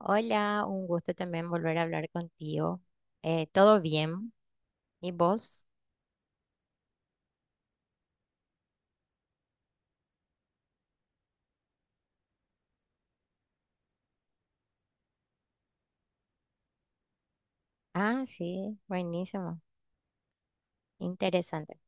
Hola, un gusto también volver a hablar contigo. ¿Todo bien? ¿Y vos? Ah, sí, buenísimo, interesante.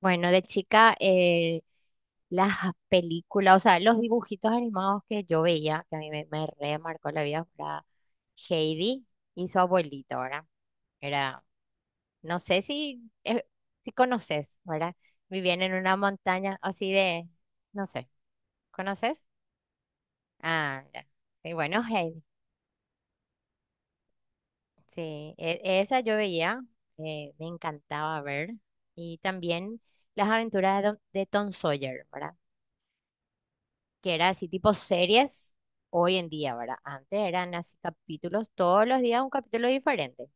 Bueno, de chica, las películas, o sea, los dibujitos animados que yo veía, que a mí me remarcó la vida, era Heidi y su abuelito, ¿verdad? Era, no sé si, si conoces, ¿verdad? Vivían en una montaña así de, no sé, ¿conoces? Ah, ya. Sí, bueno, Heidi. Sí, esa yo veía, me encantaba ver. Y también las aventuras de, de Tom Sawyer, ¿verdad? Que era así tipo series hoy en día, ¿verdad? Antes eran así capítulos, todos los días un capítulo diferente.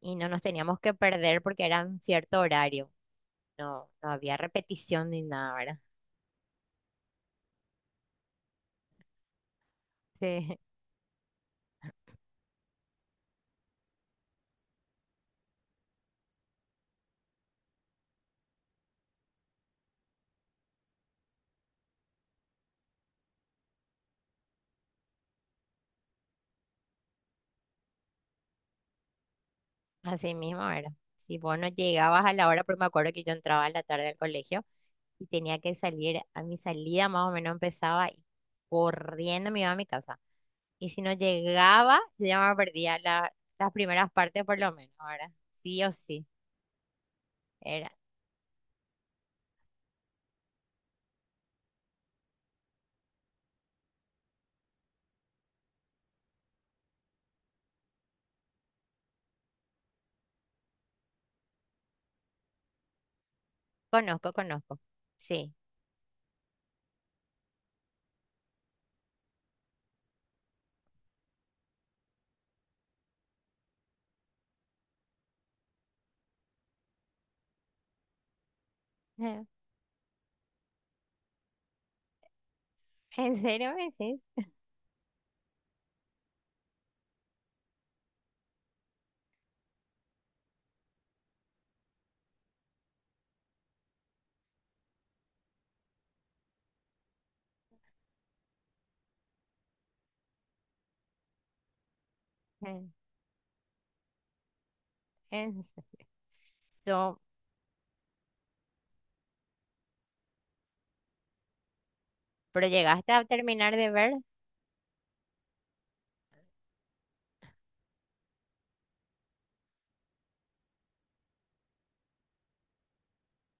Y no nos teníamos que perder porque era un cierto horario. No había repetición ni nada, ¿verdad? Sí, así mismo era. Si vos no llegabas a la hora, porque me acuerdo que yo entraba a la tarde al colegio, y tenía que salir, a mi salida más o menos empezaba y corriendo me iba a mi casa. Y si no llegaba, yo ya me perdía las primeras partes por lo menos, ahora sí o sí, era, conozco, conozco, sí. ¿En serio me decís? Eh, en se- yo- pero llegaste a terminar de ver.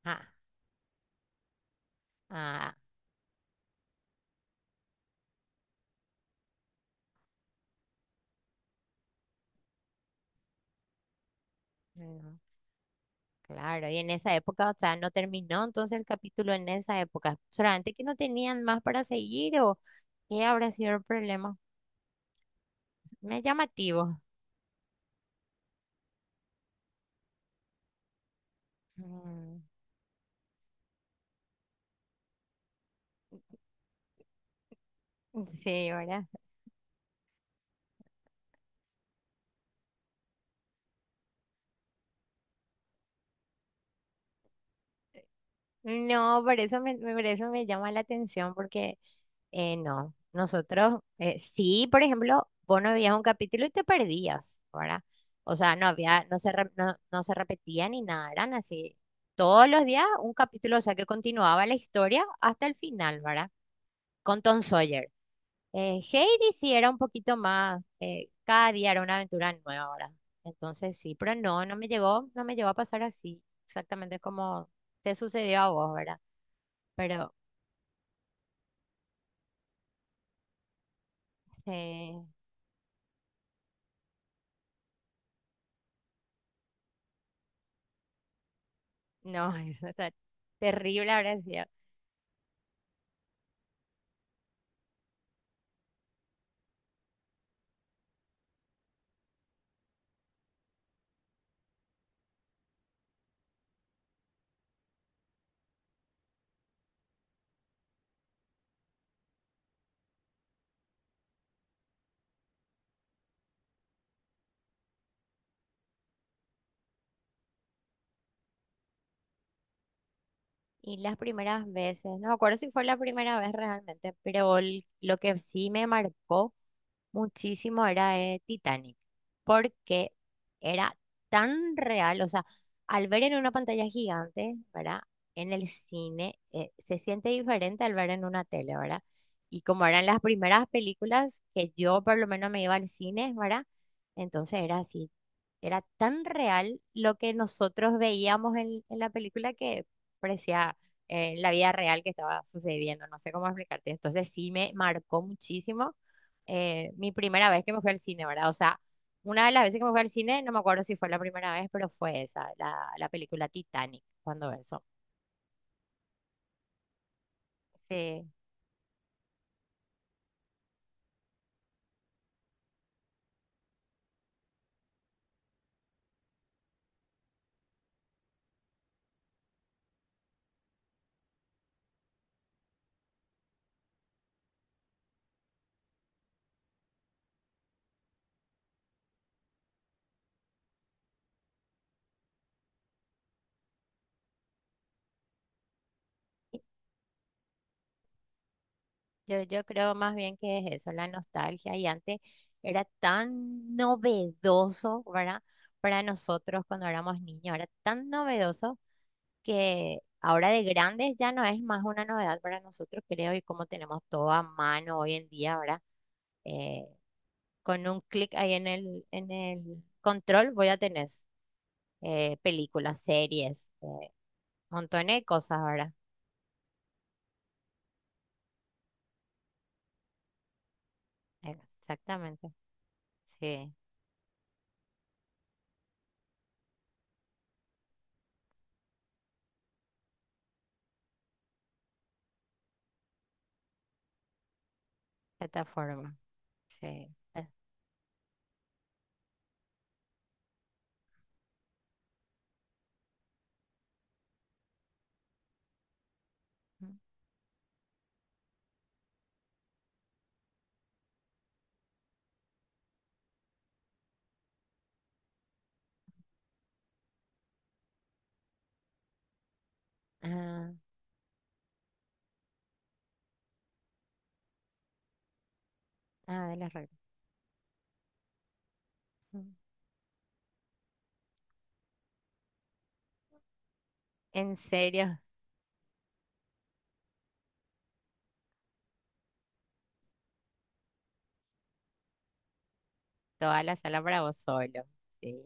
Ah, ah, no, claro, y en esa época, o sea, no terminó entonces el capítulo en esa época, solamente que no tenían más para seguir o qué habrá sido el problema. Me es llamativo. Mm, sí, ¿verdad? No, por eso por eso me llama la atención, porque no, nosotros, sí, por ejemplo, vos no veías un capítulo y te perdías, ¿verdad? O sea, no había, no se repetía ni nada, eran así. Todos los días un capítulo, o sea, que continuaba la historia hasta el final, ¿verdad? Con Tom Sawyer. Heidi sí era un poquito más, cada día era una aventura nueva ahora. Entonces sí, pero no, no me llegó a pasar así, exactamente como te sucedió a vos, ¿verdad? Pero eh, no, es, o terrible habrá sido. Y las primeras veces, no me acuerdo si fue la primera vez realmente, pero lo que sí me marcó muchísimo era de Titanic, porque era tan real, o sea, al ver en una pantalla gigante, ¿verdad? En el cine se siente diferente al ver en una tele, ¿verdad? Y como eran las primeras películas que yo por lo menos me iba al cine, ¿verdad? Entonces era así, era tan real lo que nosotros veíamos en la película que parecía la vida real que estaba sucediendo, no sé cómo explicarte. Entonces sí me marcó muchísimo, mi primera vez que me fui al cine, ¿verdad? O sea, una de las veces que me fui al cine, no me acuerdo si fue la primera vez, pero fue esa, la película Titanic, cuando eso. Sí, yo creo más bien que es eso, la nostalgia. Y antes era tan novedoso, ¿verdad? Para nosotros cuando éramos niños, era tan novedoso que ahora de grandes ya no es más una novedad para nosotros, creo, y como tenemos todo a mano hoy en día, ¿verdad? Eh, Con un clic ahí en el control voy a tener películas, series, montones de cosas ahora. Exactamente. Sí, plataforma. Sí. Mm, ah, ah, de las reglas. Mm. En serio, toda la sala para vos solo. Sí.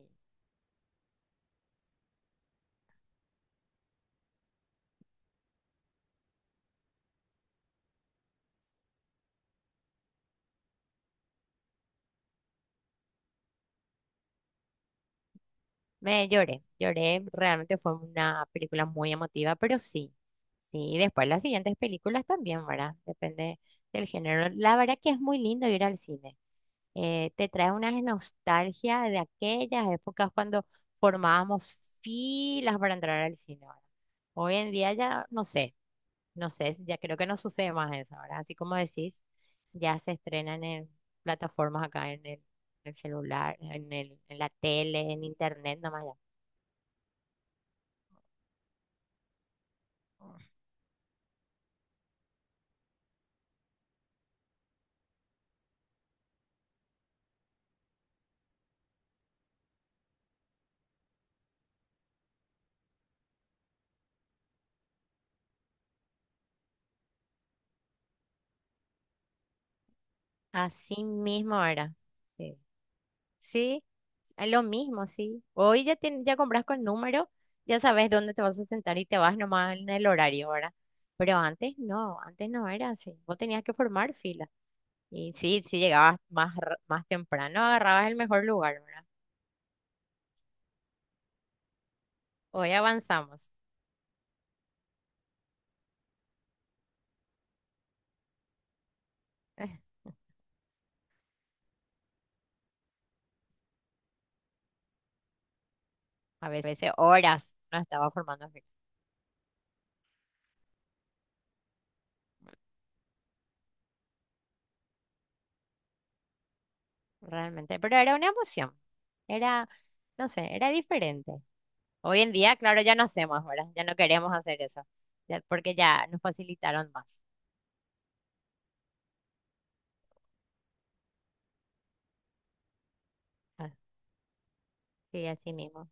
Me lloré, lloré. Realmente fue una película muy emotiva, pero sí. Sí, y después las siguientes películas también, ¿verdad? Depende del género. La verdad que es muy lindo ir al cine, te trae una nostalgia de aquellas épocas cuando formábamos filas para entrar al cine, ¿verdad? Hoy en día ya no sé, no sé, si ya creo que no sucede más eso ahora. Así como decís, ya se estrenan en plataformas acá en el celular, en la tele, en internet nomás. Así mismo ahora. Sí. Sí, es lo mismo, sí. Hoy ya ya compras con número, ya sabes dónde te vas a sentar y te vas nomás en el horario ahora. Pero antes no era así. Vos tenías que formar fila. Y sí, si llegabas más, más temprano, agarrabas el mejor lugar, ¿verdad? Hoy avanzamos. A veces, veces horas no estaba formando fila, realmente. Pero era una emoción. Era, no sé, era diferente. Hoy en día, claro, ya no hacemos, ¿verdad? Ya no queremos hacer eso, ya- porque ya nos facilitaron más. Así, así mismo.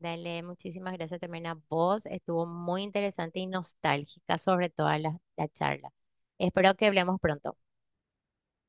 Dale, muchísimas gracias también a vos. Estuvo muy interesante y nostálgica sobre toda la, la charla. Espero que hablemos pronto.